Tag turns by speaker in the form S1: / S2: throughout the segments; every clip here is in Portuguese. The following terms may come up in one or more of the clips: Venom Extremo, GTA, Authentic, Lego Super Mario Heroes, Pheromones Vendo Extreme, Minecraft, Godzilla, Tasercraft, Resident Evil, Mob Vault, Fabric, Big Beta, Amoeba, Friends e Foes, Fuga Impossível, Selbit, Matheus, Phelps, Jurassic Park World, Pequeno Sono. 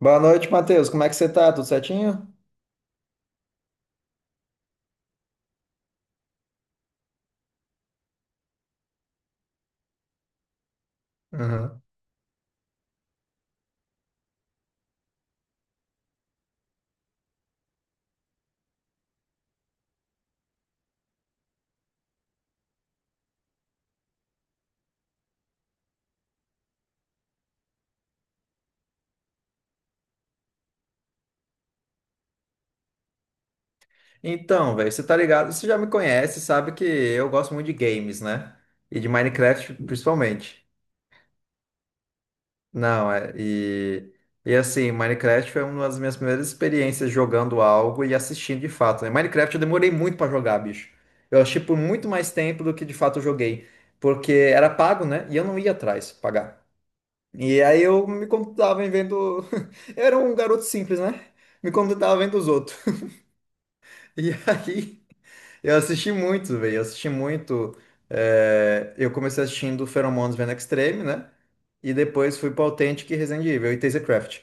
S1: Boa noite, Matheus. Como é que você tá? Tudo certinho? Aham. Então, velho, você tá ligado? Você já me conhece, sabe que eu gosto muito de games, né? E de Minecraft, principalmente. Não, é. E assim, Minecraft foi uma das minhas primeiras experiências jogando algo e assistindo de fato, né? Minecraft eu demorei muito pra jogar, bicho. Eu achei por muito mais tempo do que de fato eu joguei. Porque era pago, né? E eu não ia atrás pagar. E aí eu me contentava em vendo. Eu era um garoto simples, né? Me contentava vendo os outros. E aí eu assisti muito, velho. Eu assisti muito. Eu comecei assistindo Pheromones Vendo Extreme, né? E depois fui pra Authentic e Resident Evil e Tasercraft.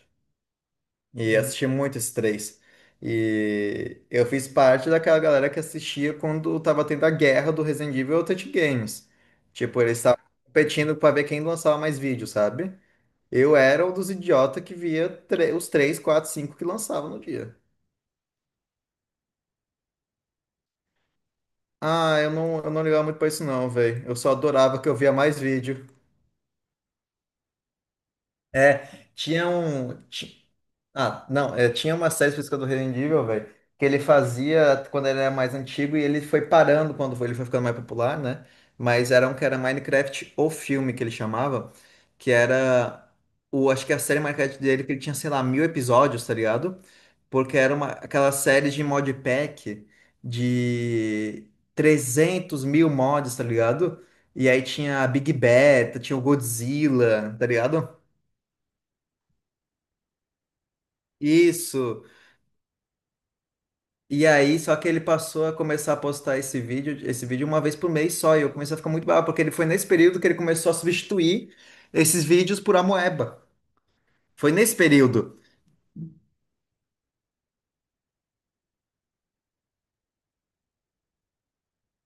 S1: E assisti muito esses três. E eu fiz parte daquela galera que assistia quando tava tendo a guerra do Resident Evil e Authentic Games. Tipo, eles estavam competindo pra ver quem lançava mais vídeo, sabe? Eu era um dos idiotas que via os 3, 4, 5 que lançavam no dia. Ah, eu não ligava muito pra isso não, velho. Eu só adorava que eu via mais vídeo. É, tinha um... ti- Ah, não, é, tinha uma série específica do Resident Evil, velho, que ele fazia quando ele era mais antigo e ele foi parando quando ele foi ficando mais popular, né? Mas era um que era Minecraft, o filme que ele chamava, que era. O, acho que a série Minecraft dele, que ele tinha, sei lá, mil episódios, tá ligado? Porque era uma, aquela série de modpack de 300.000 mods, tá ligado? E aí tinha a Big Beta, tinha o Godzilla, tá ligado? Isso. E aí, só que ele passou a começar a postar esse vídeo uma vez por mês só, e eu comecei a ficar muito bravo, porque ele foi nesse período que ele começou a substituir esses vídeos por Amoeba. Foi nesse período.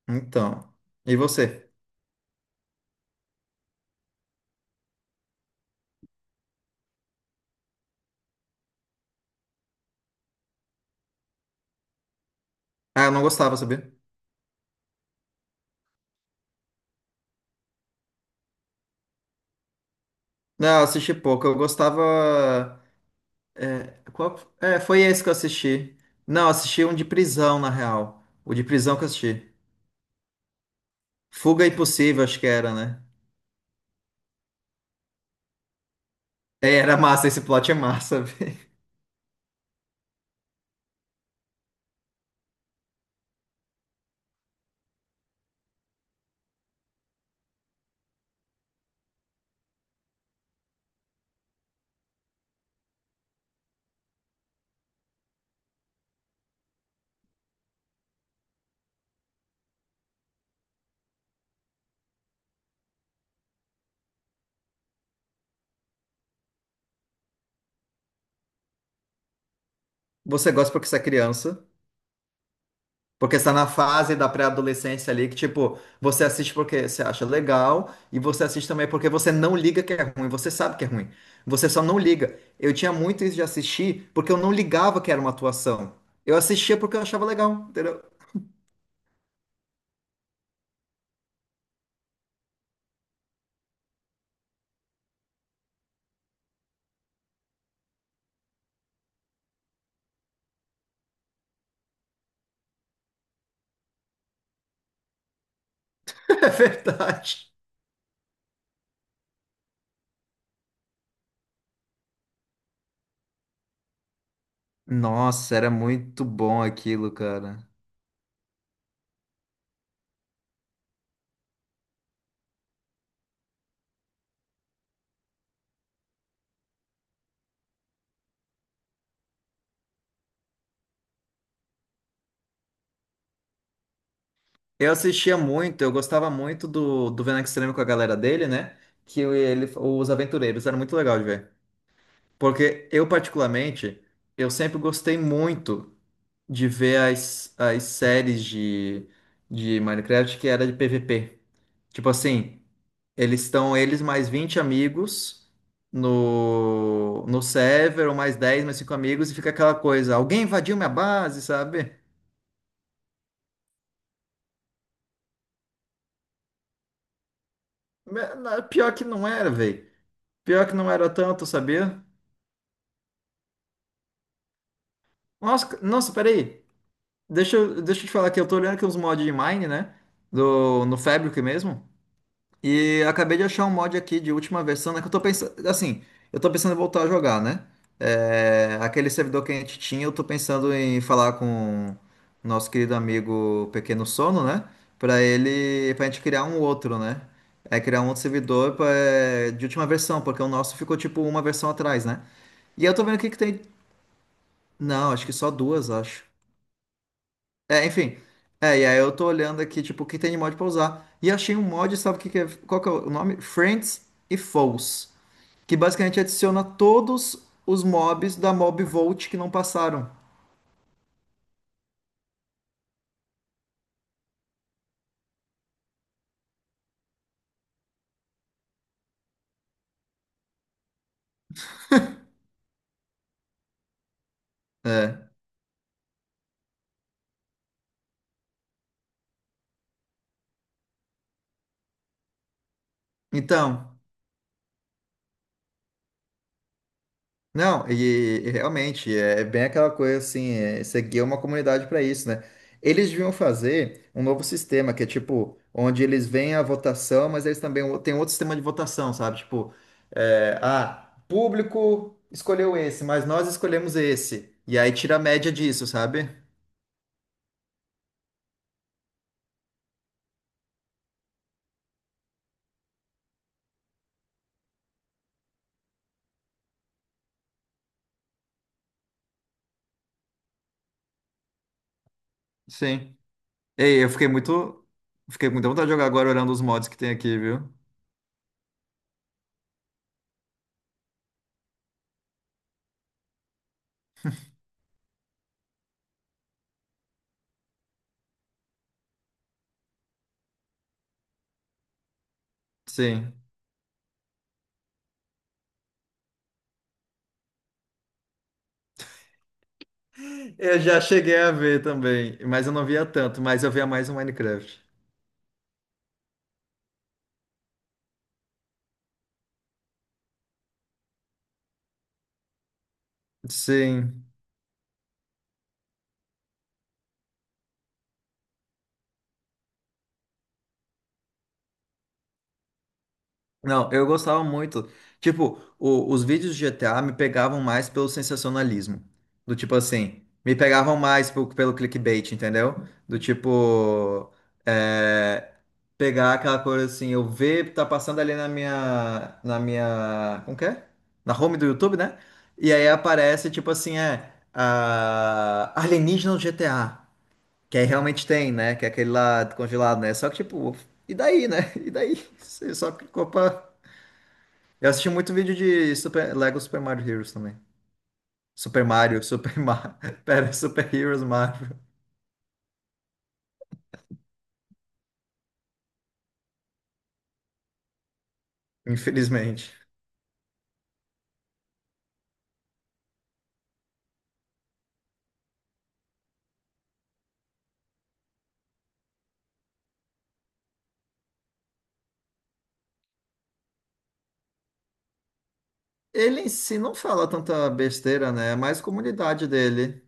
S1: Então. E você? Ah, eu não gostava, sabia? Não, eu assisti pouco. Eu gostava. É, qual... foi esse que eu assisti. Não, assisti um de prisão, na real. O de prisão que eu assisti. Fuga Impossível, acho que era, né? É, era massa, esse plot é massa, velho. Você gosta porque você é criança, porque está na fase da pré-adolescência ali, que, tipo, você assiste porque você acha legal, e você assiste também porque você não liga que é ruim, você sabe que é ruim. Você só não liga. Eu tinha muito isso de assistir porque eu não ligava que era uma atuação. Eu assistia porque eu achava legal, entendeu? É verdade. Nossa, era muito bom aquilo, cara. Eu assistia muito, eu gostava muito do Venom Extremo com a galera dele, né? Que ele, os aventureiros, era muito legal de ver. Porque eu, particularmente, eu sempre gostei muito de ver as séries de Minecraft que era de PVP. Tipo assim, eles estão, eles mais 20 amigos no server, ou mais 10 mais 5 amigos, e fica aquela coisa, alguém invadiu minha base, sabe? Pior que não era, velho. Pior que não era tanto, sabia? Nossa, peraí. Deixa eu te falar que eu tô olhando aqui uns mods de Mine, né? Do, no Fabric mesmo. E acabei de achar um mod aqui de última versão, né? Que eu tô pensando. Assim, eu tô pensando em voltar a jogar, né? É, aquele servidor que a gente tinha, eu tô pensando em falar com o nosso querido amigo Pequeno Sono, né? Pra ele. Pra gente criar um outro, né? É criar um outro servidor de última versão, porque o nosso ficou tipo uma versão atrás, né? E eu tô vendo o que que tem. Não, acho que só duas, acho. É, enfim. É, e aí eu tô olhando aqui, tipo, o que tem de mod pra usar. E achei um mod, sabe o que que é? Qual que é o nome? Friends e Foes. Que basicamente adiciona todos os mobs da Mob Vault que não passaram. É. Então. Não, e realmente é bem aquela coisa assim, é, você uma comunidade para isso, né? Eles deviam fazer um novo sistema que é tipo, onde eles veem a votação, mas eles também têm outro sistema de votação, sabe? Tipo, público escolheu esse, mas nós escolhemos esse. E aí tira a média disso, sabe? Sim. Ei, eu fiquei muito. Fiquei com muita vontade de jogar agora olhando os mods que tem aqui, viu? Sim. Eu já cheguei a ver também, mas eu não via tanto, mas eu via mais o Minecraft. Sim. Não, eu gostava muito. Tipo, os vídeos de GTA me pegavam mais pelo sensacionalismo. Do tipo assim, me pegavam mais pelo clickbait, entendeu? Do tipo, é, pegar aquela coisa assim, eu ver, tá passando ali na minha, como que é? Na home do YouTube, né? E aí aparece, tipo assim, a, alienígena no GTA. Que aí realmente tem, né? Que é aquele lá congelado, né? Só que, tipo, e daí, né? E daí? Você só clicou pra. Eu assisti muito vídeo de Super. Lego Super Mario Heroes também. Super Mario, Super Mario. Pera, Super Heroes Mario. Infelizmente. Ele em si não fala tanta besteira, né? É mais comunidade dele.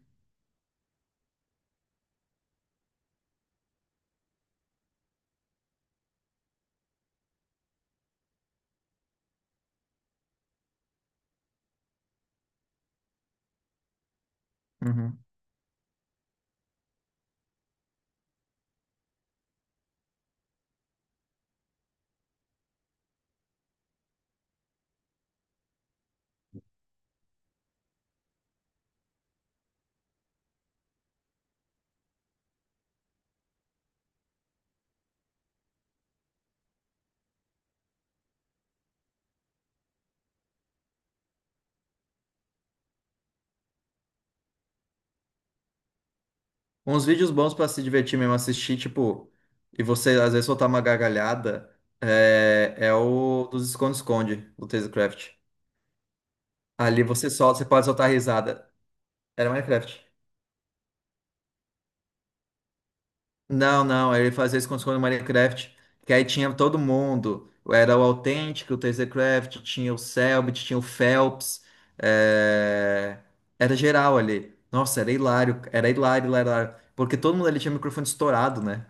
S1: Uhum. Uns vídeos bons pra se divertir mesmo, assistir, tipo. E você, às vezes, soltar uma gargalhada. É, é o dos esconde-esconde, do Tazecraft. Ali você pode soltar risada. Era Minecraft. Não, não, ele fazia isso quando no Minecraft. Que aí tinha todo mundo. Era o Authentic, o Tasercraft, tinha o Selbit, tinha o Phelps. é, Era geral ali. Nossa, era hilário, hilário, hilário. Porque todo mundo ali tinha o microfone estourado, né?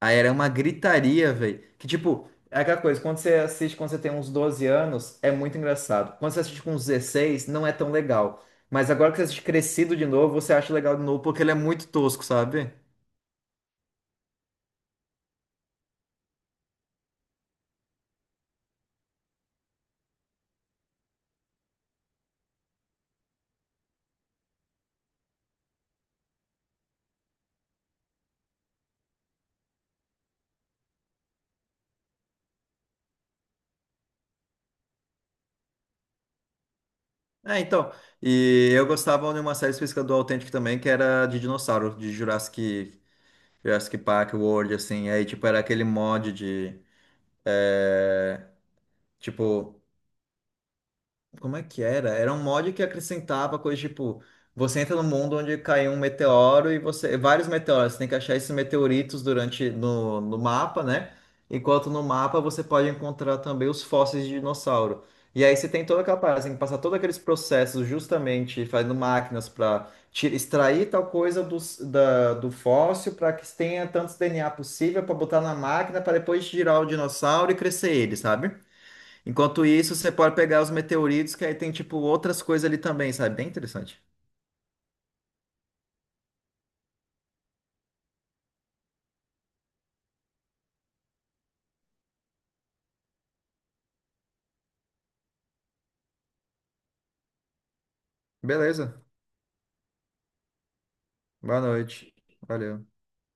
S1: Aí era uma gritaria, velho. Que tipo, é aquela coisa, quando você assiste quando você tem uns 12 anos, é muito engraçado. Quando você assiste com uns 16, não é tão legal. Mas agora que você assiste crescido de novo, você acha legal de novo, porque ele é muito tosco, sabe? É, então. E eu gostava de uma série específica do Authentic também, que era de dinossauro, de Jurassic, Jurassic Park World, assim. Aí, tipo, era aquele mod de, tipo, como é que era? Era um mod que acrescentava coisa tipo, você entra no mundo onde caiu um meteoro e você. Vários meteoros, você tem que achar esses meteoritos durante no mapa, né? Enquanto no mapa você pode encontrar também os fósseis de dinossauro. E aí você tem toda aquela parada, você tem que passar todos aqueles processos justamente fazendo máquinas para extrair tal coisa do fóssil para que tenha tantos DNA possível para botar na máquina para depois girar o dinossauro e crescer ele, sabe? Enquanto isso, você pode pegar os meteoritos, que aí tem, tipo, outras coisas ali também, sabe? Bem interessante. Beleza. Boa noite. Valeu.